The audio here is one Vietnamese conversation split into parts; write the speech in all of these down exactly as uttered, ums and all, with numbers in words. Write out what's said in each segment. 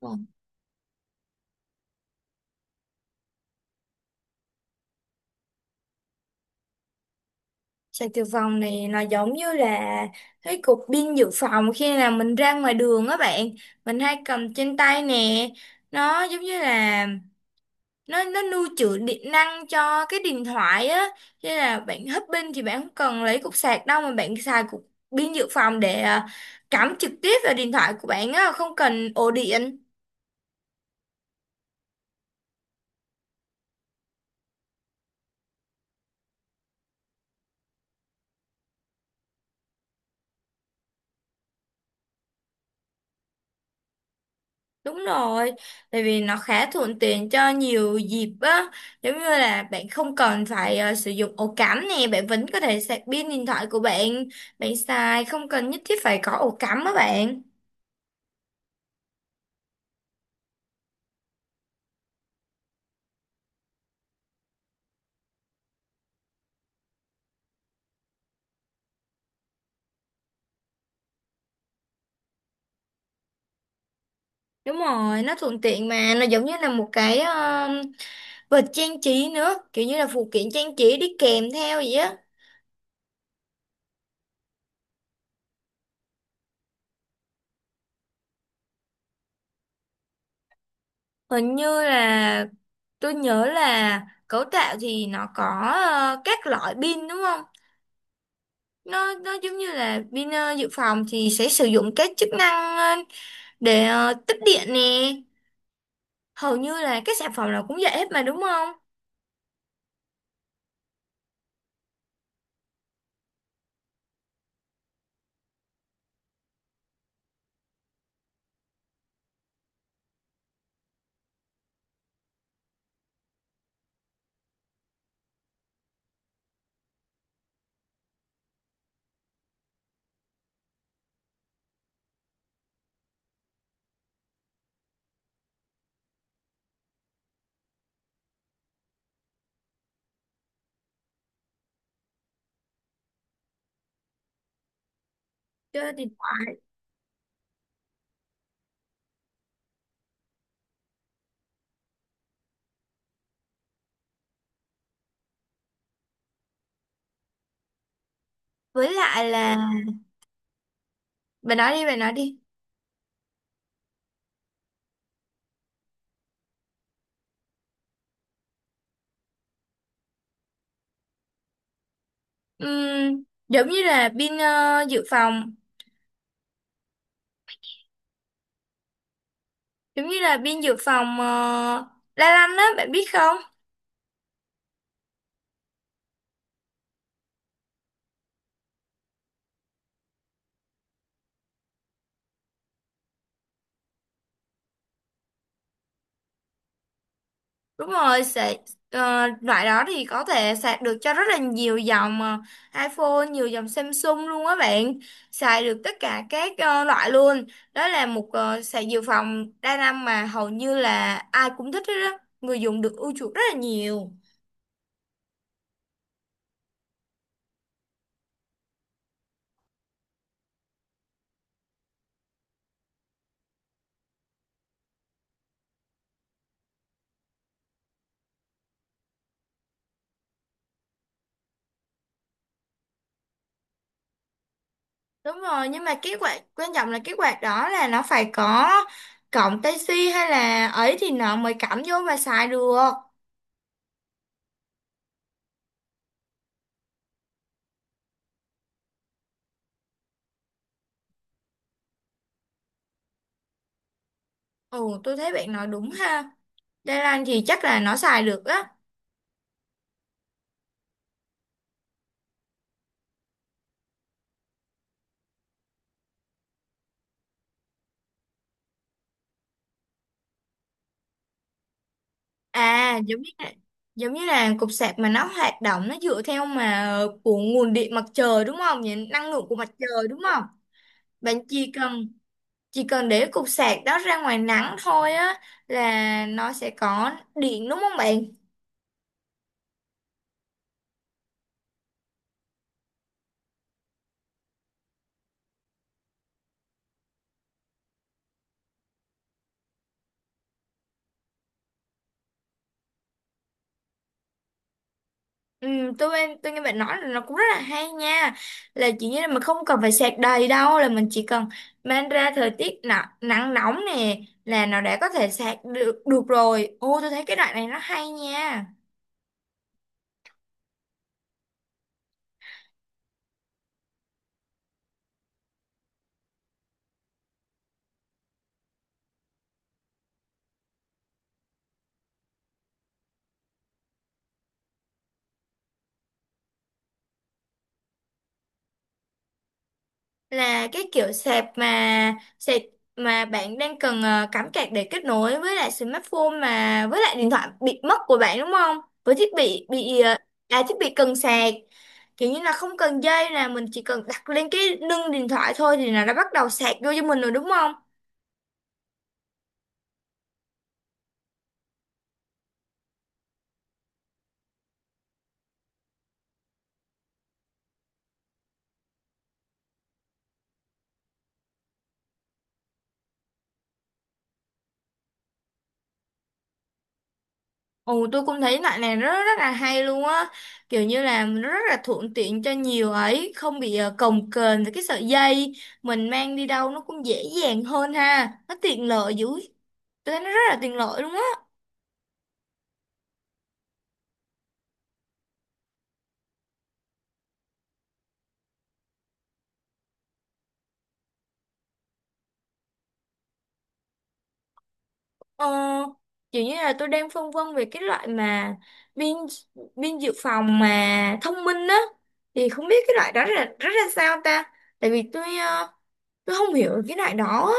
Vâng. Sạc dự phòng này nó giống như là cái cục pin dự phòng khi nào mình ra ngoài đường á bạn, mình hay cầm trên tay nè. Nó giống như là nó nó lưu trữ điện năng cho cái điện thoại á. Cho nên là bạn hết pin thì bạn không cần lấy cục sạc đâu, mà bạn xài cục pin dự phòng để à, cắm trực tiếp vào điện thoại của bạn á, không cần ổ điện. Đúng rồi, tại vì nó khá thuận tiện cho nhiều dịp á, giống như là bạn không cần phải ờ, sử dụng ổ cắm nè, bạn vẫn có thể sạc pin điện thoại của bạn, bạn xài không cần nhất thiết phải có ổ cắm á bạn. Đúng rồi, nó thuận tiện mà, nó giống như là một cái ờ, vật trang trí nữa, kiểu như là phụ kiện trang trí đi kèm theo vậy á. Hình như là tôi nhớ là cấu tạo thì nó có ờ, các loại pin đúng không? nó nó giống như là pin ờ, dự phòng thì sẽ sử dụng cái chức năng ờ, để ờ, tích điện nè. Hầu như là các sản phẩm nào cũng vậy hết mà đúng không? Cho điện thoại. Với lại là, bà nói đi bà nói đi. Ừm, giống như là pin ờ, dự phòng, giống như là pin dự phòng ờ, la lanh á bạn biết không. Đúng rồi, sẽ ờ, loại đó thì có thể sạc được cho rất là nhiều dòng ờ, iPhone, nhiều dòng Samsung luôn á bạn. Xài được tất cả các ờ, loại luôn. Đó là một ờ, sạc dự phòng đa năng mà hầu như là ai cũng thích hết đó. Người dùng được ưa chuộng rất là nhiều. Đúng rồi, nhưng mà cái quạt quan trọng là cái quạt đó là nó phải có cổng Type-C hay là ấy thì nó mới cắm vô và xài được. Ồ, tôi thấy bạn nói đúng ha. Đa năng thì chắc là nó xài được á. À giống như là, giống như là cục sạc mà nó hoạt động nó dựa theo mà của nguồn điện mặt trời đúng không? Vậy năng lượng của mặt trời đúng không? Bạn chỉ cần, chỉ cần để cục sạc đó ra ngoài nắng thôi á là nó sẽ có điện đúng không bạn? Ừ, tôi em tôi nghe bạn nói là nó cũng rất là hay nha, là chỉ như là mình không cần phải sạc đầy đâu, là mình chỉ cần mang ra thời tiết nắng, nắng nóng nè là nó đã có thể sạc được được rồi. Ô tôi thấy cái đoạn này nó hay nha. Là cái kiểu sạc, mà sạc mà bạn đang cần ờ, cắm cạc để kết nối với lại smartphone, mà với lại điện thoại bị mất của bạn đúng không? Với thiết bị bị ờ, à, thiết bị cần sạc, kiểu như là không cần dây nè, mình chỉ cần đặt lên cái nâng điện thoại thôi thì là nó bắt đầu sạc vô cho mình rồi đúng không? Ồ tôi cũng thấy loại này nó rất là hay luôn á, kiểu như là nó rất là thuận tiện cho nhiều ấy, không bị ờ, cồng kềnh với cái sợi dây. Mình mang đi đâu nó cũng dễ dàng hơn ha, nó tiện lợi dữ, tôi thấy nó rất là tiện lợi luôn á. ờ, Kiểu như là tôi đang phân vân về cái loại mà pin pin dự phòng mà thông minh á, thì không biết cái loại đó là rất là sao ta, tại vì tôi ờ, tôi không hiểu cái loại đó.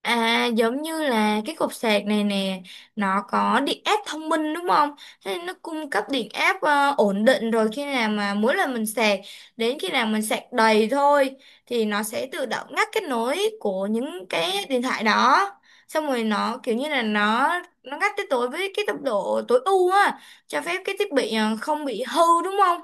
À giống như là cái cục sạc này nè, nó có điện áp thông minh đúng không? Thế nên nó cung cấp điện áp ờ, ổn định rồi. Khi nào mà mỗi lần mình sạc, đến khi nào mình sạc đầy thôi, thì nó sẽ tự động ngắt kết nối của những cái điện thoại đó. Xong rồi nó kiểu như là nó Nó ngắt tới tối với cái tốc độ tối ưu á, cho phép cái thiết bị ờ, không bị hư đúng không?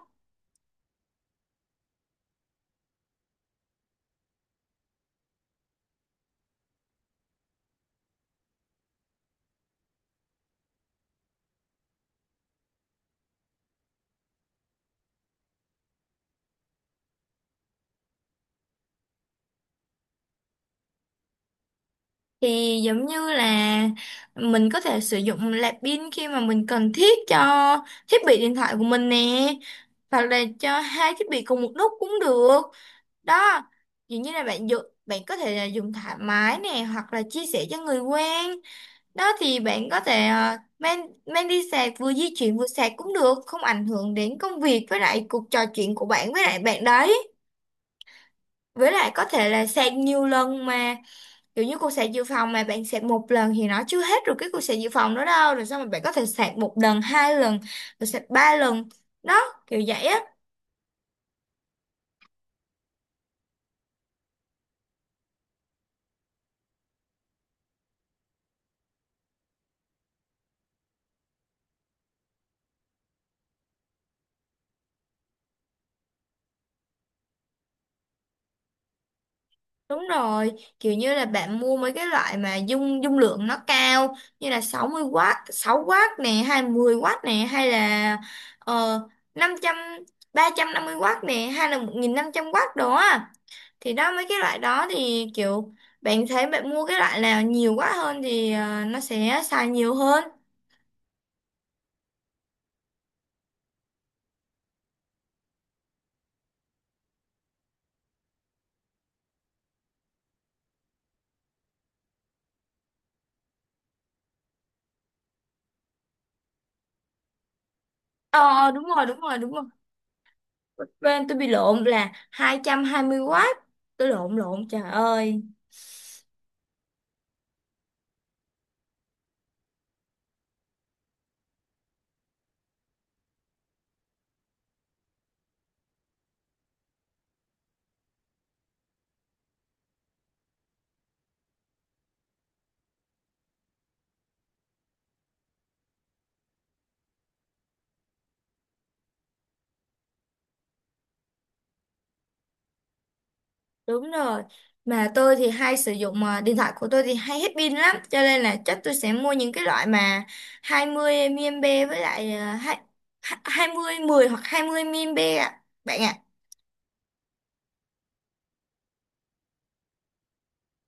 Thì giống như là mình có thể sử dụng nạp pin khi mà mình cần thiết cho thiết bị điện thoại của mình nè, hoặc là cho hai thiết bị cùng một lúc cũng được. Đó, dường như là bạn dùng, bạn có thể là dùng thoải mái nè, hoặc là chia sẻ cho người quen. Đó thì bạn có thể ờ, mang mang đi sạc, vừa di chuyển vừa sạc cũng được, không ảnh hưởng đến công việc với lại cuộc trò chuyện của bạn với lại bạn đấy. Với lại có thể là sạc nhiều lần mà, kiểu như cục sạc dự phòng mà bạn sạc một lần thì nó chưa hết rồi cái cục sạc dự phòng đó đâu, rồi sao mà bạn có thể sạc một lần, hai lần, rồi sạc ba lần. Đó, kiểu vậy á. Đúng rồi, kiểu như là bạn mua mấy cái loại mà dung dung lượng nó cao, như là sáu mươi w, sáu w nè, hai mươi w nè, hay là ờ, năm trăm, ba trăm năm mươi w nè, hay là một nghìn năm trăm w đồ á. Thì đó mấy cái loại đó thì kiểu bạn thấy bạn mua cái loại nào nhiều quá hơn thì ờ, nó sẽ xài nhiều hơn. ờ đúng rồi đúng rồi đúng rồi. Bên tôi bị lộn, là hai hai trăm hai mươi w, tôi lộn lộn, trời ơi. Đúng rồi, mà tôi thì hay sử dụng ờ, điện thoại của tôi thì hay hết pin lắm, cho nên là chắc tôi sẽ mua những cái loại mà hai mươi mAh với lại ờ, hai- hai- 20 mười hoặc hai mươi mAh ạ bạn ạ.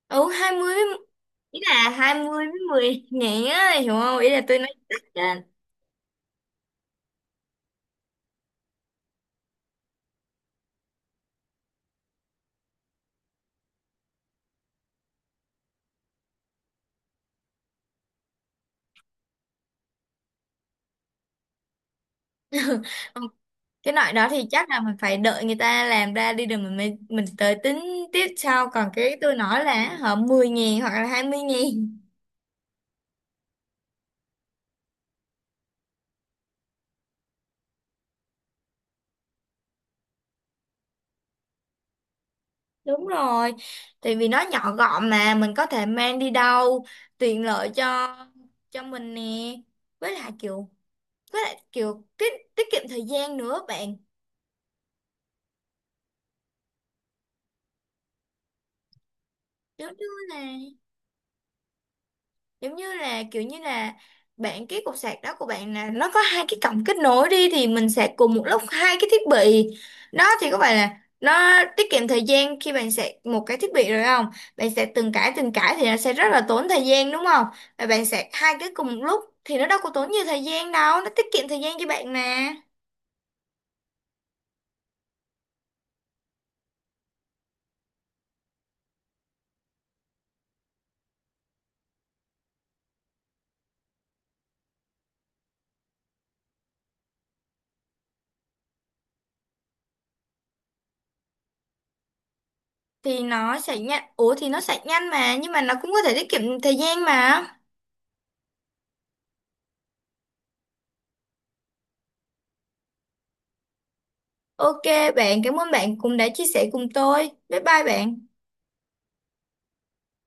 ừ hai mươi với- Ý là hai mươi với mười ngàn á, hiểu không, ý là tôi nói chắc á. Cái loại đó thì chắc là mình phải đợi người ta làm ra đi rồi mình mới, mình tới tính tiếp sau, còn cái tôi nói là họ mười nghìn hoặc là hai mươi nghìn. Đúng rồi, tại vì nó nhỏ gọn mà mình có thể mang đi đâu, tiện lợi cho cho mình nè, với lại kiểu, với lại kiểu tiết tiết kiệm thời gian nữa bạn. Đúng chưa nè, giống như là kiểu như là, bạn cái cục sạc đó của bạn là nó có hai cái cổng kết nối đi, thì mình sạc cùng một lúc hai cái thiết bị. Đó thì có phải là nó tiết kiệm thời gian khi bạn sạc một cái thiết bị rồi không? Bạn sạc từng cái từng cái thì nó sẽ rất là tốn thời gian đúng không? Và bạn sạc hai cái cùng một lúc thì nó đâu có tốn nhiều thời gian đâu, nó tiết kiệm thời gian cho bạn mà. Thì nó sạc nhanh, ủa thì nó sạc nhanh mà, nhưng mà nó cũng có thể tiết kiệm thời gian mà. Ok bạn, cảm ơn bạn cũng đã chia sẻ cùng tôi, bye bye bạn.